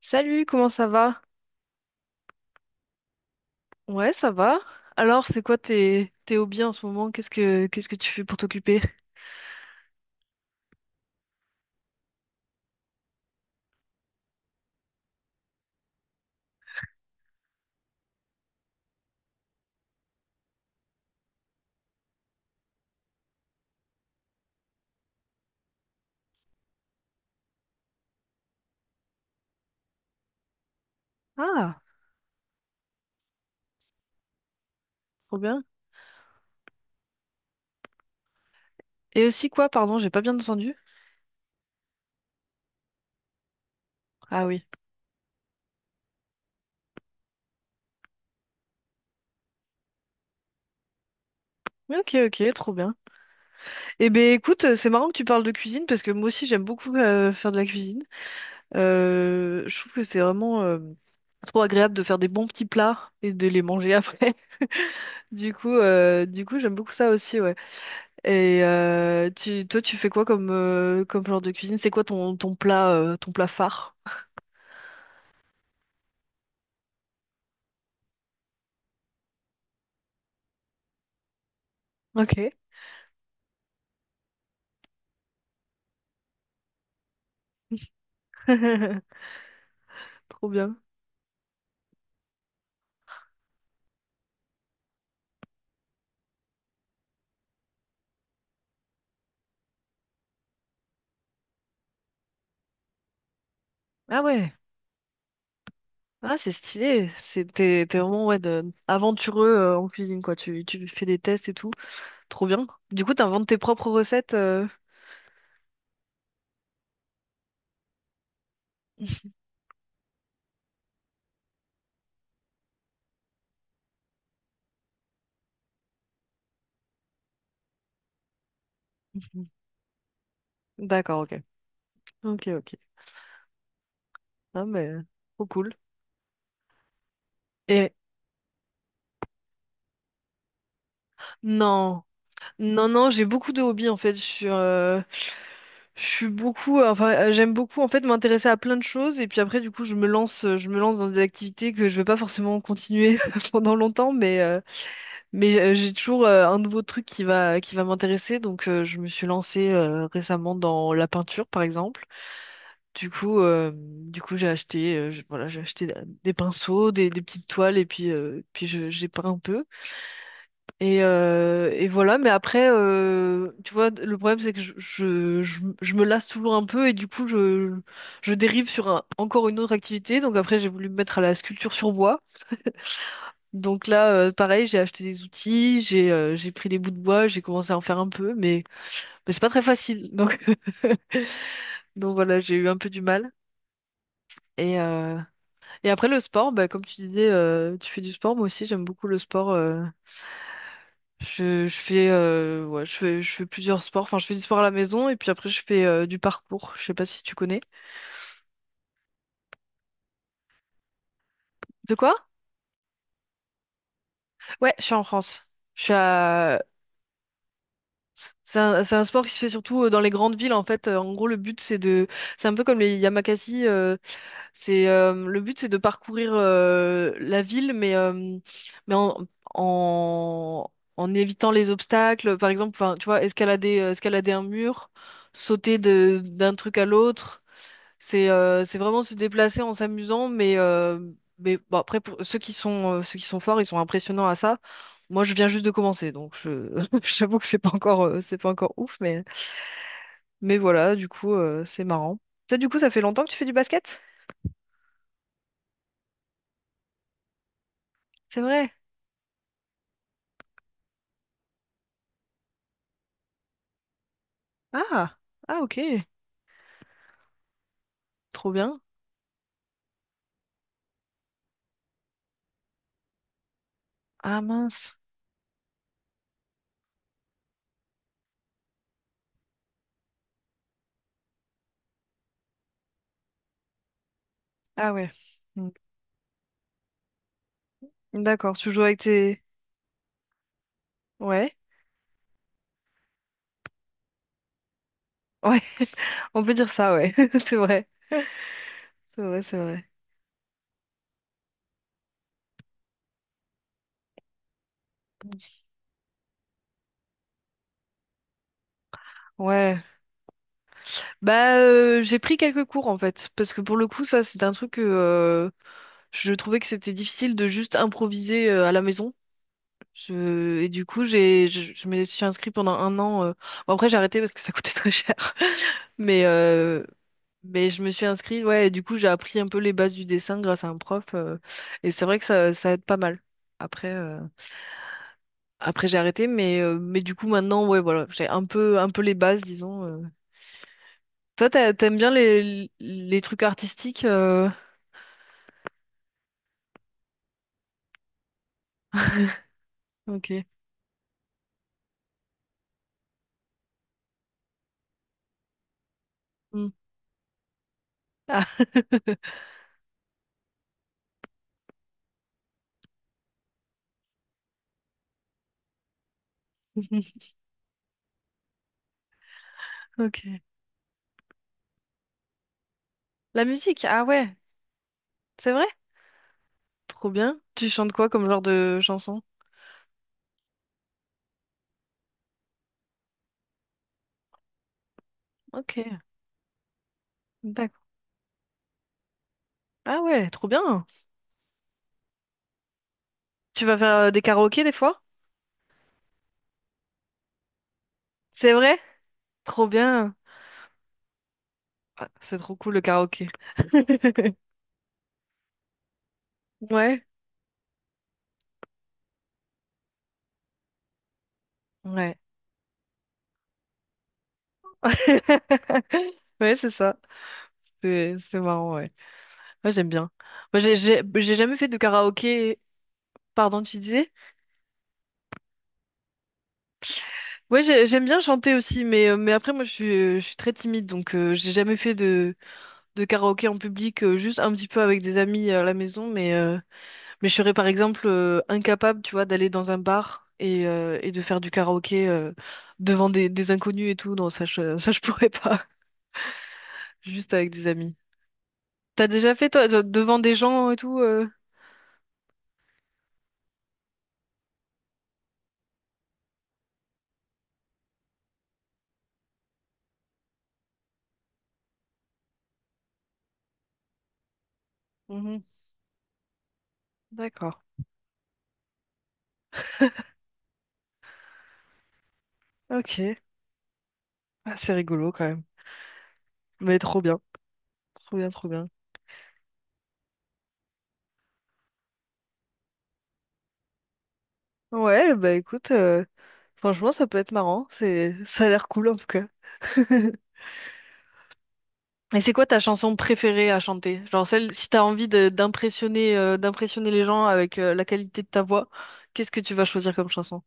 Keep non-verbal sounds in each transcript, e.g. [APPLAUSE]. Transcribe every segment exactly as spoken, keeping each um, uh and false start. Salut, comment ça va? Ouais, ça va. Alors, c'est quoi tes, tes hobbies en ce moment? Qu'est-ce que qu'est-ce que tu fais pour t'occuper? Ah, trop bien. Et aussi quoi, pardon, j'ai pas bien entendu. Ah oui. Mais ok, ok, trop bien. Eh ben écoute, euh, c'est marrant que tu parles de cuisine parce que moi aussi j'aime beaucoup euh, faire de la cuisine. Euh, je trouve que c'est vraiment euh, trop agréable de faire des bons petits plats et de les manger après. [LAUGHS] Du coup, euh, du coup, j'aime beaucoup ça aussi, ouais. Et euh, tu, toi, tu fais quoi comme, euh, comme genre de cuisine? C'est quoi ton, ton plat, euh, ton plat phare? Ok. [LAUGHS] Trop bien. Ah ouais. Ah, c'est stylé. C'est, t'es, t'es vraiment ouais, de- aventureux euh, en cuisine, quoi. Tu, tu fais des tests et tout. Trop bien. Du coup, t'inventes tes propres recettes. euh, D'accord, ok. Ok, ok. Ah, mais trop cool. Et non, non, non, j'ai beaucoup de hobbies en fait. Je suis, euh, Je suis beaucoup, euh, enfin, euh, j'aime beaucoup en fait m'intéresser à plein de choses et puis après du coup je me lance, euh, je me lance dans des activités que je vais pas forcément continuer [LAUGHS] pendant longtemps, mais euh, mais j'ai j'ai toujours euh, un nouveau truc qui va qui va m'intéresser donc euh, je me suis lancée euh, récemment dans la peinture par exemple. Du coup, euh, du coup j'ai acheté, euh, je- voilà, j'ai acheté des pinceaux, des, des petites toiles et puis euh, puis je- j'ai peint un peu. Et, euh, et voilà, mais après, euh, tu vois, le problème c'est que je, je, je- je me lasse toujours un peu et du coup, je, je dérive sur un- encore une autre activité. Donc après, j'ai voulu me mettre à la sculpture sur bois. Donc là, euh, pareil, j'ai acheté des outils, j'ai euh, j'ai pris des bouts de bois, j'ai commencé à en faire un peu, mais, mais c'est pas très facile. Donc, [LAUGHS] donc voilà, j'ai eu un peu du mal. Et, euh, et après, le sport, bah, comme tu disais, euh, tu fais du sport, moi aussi, j'aime beaucoup le sport. euh, Je, je fais, euh, ouais, je fais, je fais plusieurs sports. Enfin, je fais du sport à la maison et puis après, je fais euh, du parcours. Je sais pas si tu connais. De quoi? Ouais, je suis en France. Je suis à... C'est un, c'est un sport qui se fait surtout euh, dans les grandes villes en fait. Euh, En gros, le but c'est de, c'est un peu comme les Yamakasi. euh, c'est euh, le but c'est de parcourir euh, la ville, mais euh, mais en, en en évitant les obstacles. Par exemple, enfin, tu vois, escalader euh, escalader un mur, sauter de d'un truc à l'autre. C'est euh, c'est vraiment se déplacer en s'amusant, mais, euh, mais bon, après, pour ceux qui sont, euh, ceux qui sont forts, ils sont impressionnants à ça. Moi, je viens juste de commencer, donc je [LAUGHS] j'avoue que c'est pas encore, euh, c'est pas encore ouf, mais, mais voilà, du coup, euh, c'est marrant. Ça, du coup, ça fait longtemps que tu fais du basket? C'est vrai? Ah, ah, ok, trop bien. Ah mince. Ah ouais. Mm. D'accord, tu joues avec tes... Ouais, ouais, [LAUGHS] on peut dire ça, ouais, [LAUGHS] c'est vrai, c'est vrai, c'est vrai. Ouais, bah, euh, j'ai pris quelques cours en fait, parce que pour le coup, ça, c'est un truc que euh, je trouvais que c'était difficile de juste improviser euh, à la maison. Je- Et du coup, j'ai, je, je me suis inscrite pendant un an. euh. Bon, après, j'ai arrêté parce que ça coûtait [LAUGHS] très cher. Mais, euh, mais je me suis inscrite, ouais, et du coup, j'ai appris un peu les bases du dessin grâce à un prof. euh, Et c'est vrai que ça, ça aide pas mal. Après, euh, après j'ai arrêté, mais, euh, mais du coup, maintenant, ouais, voilà, j'ai un peu, un peu les bases, disons. euh. Toi, t'a- t'aimes bien les, les trucs artistiques. euh, Ok. Hmm. Ah. [LAUGHS] Ok. La musique, ah ouais, c'est vrai? Trop bien. Tu chantes quoi comme genre de chanson? Ok, d'accord. Ah ouais, trop bien. Tu vas faire euh, des karaokés des fois? C'est vrai? Trop bien. Ah, c'est trop cool le karaoké. [LAUGHS] Ouais. Ouais. [LAUGHS] Ouais, c'est ça. C'est c'est marrant, ouais. Moi, j'aime bien. Moi, j'ai j'ai j'ai jamais fait de karaoké. Pardon, tu disais? Ouais, j'ai- j'aime bien chanter aussi, mais, euh, mais après, moi, je suis, euh, je suis très timide, donc euh, j'ai jamais fait de, de karaoké en public, euh, juste un petit peu avec des amis euh, à la maison, mais, euh, mais je serais par exemple euh, incapable, tu vois, d'aller dans un bar et, euh, et de faire du karaoké. Euh, devant des, des inconnus et tout. Non, ça je, [LAUGHS] ça, je pourrais pas, [LAUGHS] juste avec des amis. T'as déjà fait, toi, de- devant des gens et tout. euh Mhm. D'accord. Ok. Ah, c'est rigolo quand même. Mais trop bien. Trop bien, trop bien. Ouais, bah écoute, euh, franchement, ça peut être marrant. C'est, ça a l'air cool en tout cas. [LAUGHS] Et c'est quoi ta chanson préférée à chanter? Genre celle, si t'as envie de- d'impressionner euh, d'impressionner les gens avec euh, la qualité de ta voix, qu'est-ce que tu vas choisir comme chanson?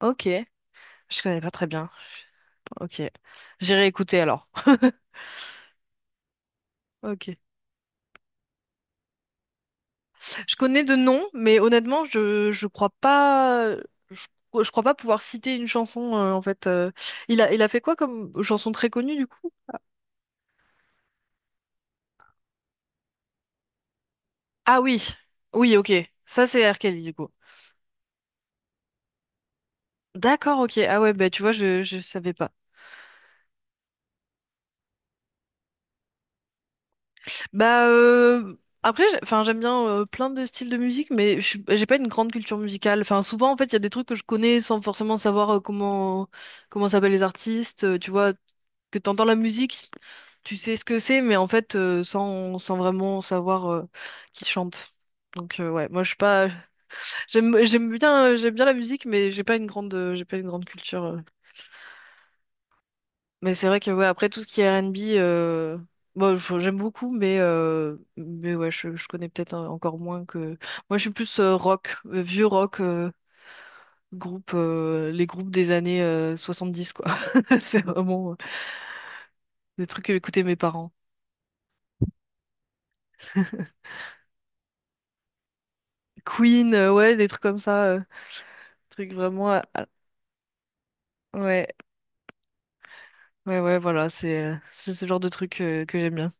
Ok, je connais pas très bien. Ok, j'irai écouter alors. [LAUGHS] Ok. Je connais de noms, mais honnêtement, je je crois pas je, je crois pas pouvoir citer une chanson euh, en fait. euh. Il a il a fait quoi comme chanson très connue du coup? Ah oui, oui, ok. Ça c'est R. Kelly du coup. D'accord, ok. Ah ouais, bah tu vois, je je savais pas. Bah euh, après, j'ai- enfin j'aime bien euh, plein de styles de musique, mais je suis- j'ai pas une grande culture musicale. Enfin souvent en fait il y a des trucs que je connais sans forcément savoir euh, comment comment s'appellent les artistes. Euh, tu vois que t'entends la musique, tu sais ce que c'est, mais en fait euh, sans sans vraiment savoir euh, qui chante. Donc euh, ouais, moi je suis pas. [LAUGHS] J'aime j'aime bien euh, j'aime bien la musique, mais j'ai pas une grande euh, j'ai pas une grande culture. Euh, mais c'est vrai que ouais, après tout ce qui est R and B, euh, bon, je- j'aime beaucoup, mais, euh, mais ouais, je, je connais peut-être en- encore moins que. Moi, je suis plus euh, rock, euh, vieux rock, euh, groupe, euh, les groupes des années euh, dix quoi. [LAUGHS] C'est vraiment euh, des trucs que écoutaient mes parents. Queen, euh, ouais, des trucs comme ça, euh, trucs vraiment. à- à- Ouais, ouais, ouais, voilà, c'est euh, c'est ce genre de trucs euh, que j'aime bien.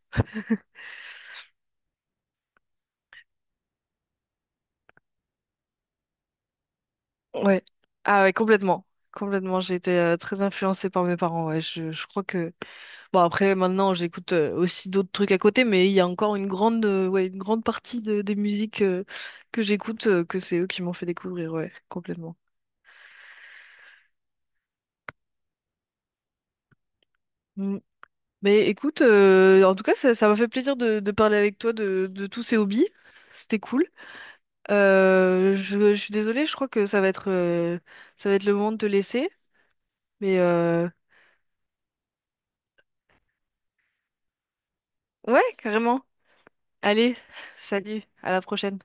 Ouais. Ah ouais, complètement. Complètement, j'ai été euh, très influencée par mes parents. Ouais, je, je crois que. Bon après maintenant j'écoute euh, aussi d'autres trucs à côté mais il y a encore une grande euh, ouais, une grande partie de- des musiques euh, que j'écoute euh, que c'est eux qui m'ont fait découvrir ouais complètement. Mm. Mais écoute euh, en tout cas ça ça m'a fait plaisir de, de parler avec toi de, de tous ces hobbies. C'était cool. Euh, je, je suis désolée, je crois que ça va être euh, ça va être le moment de te laisser mais euh, ouais carrément. Allez, [LAUGHS] salut, à la prochaine.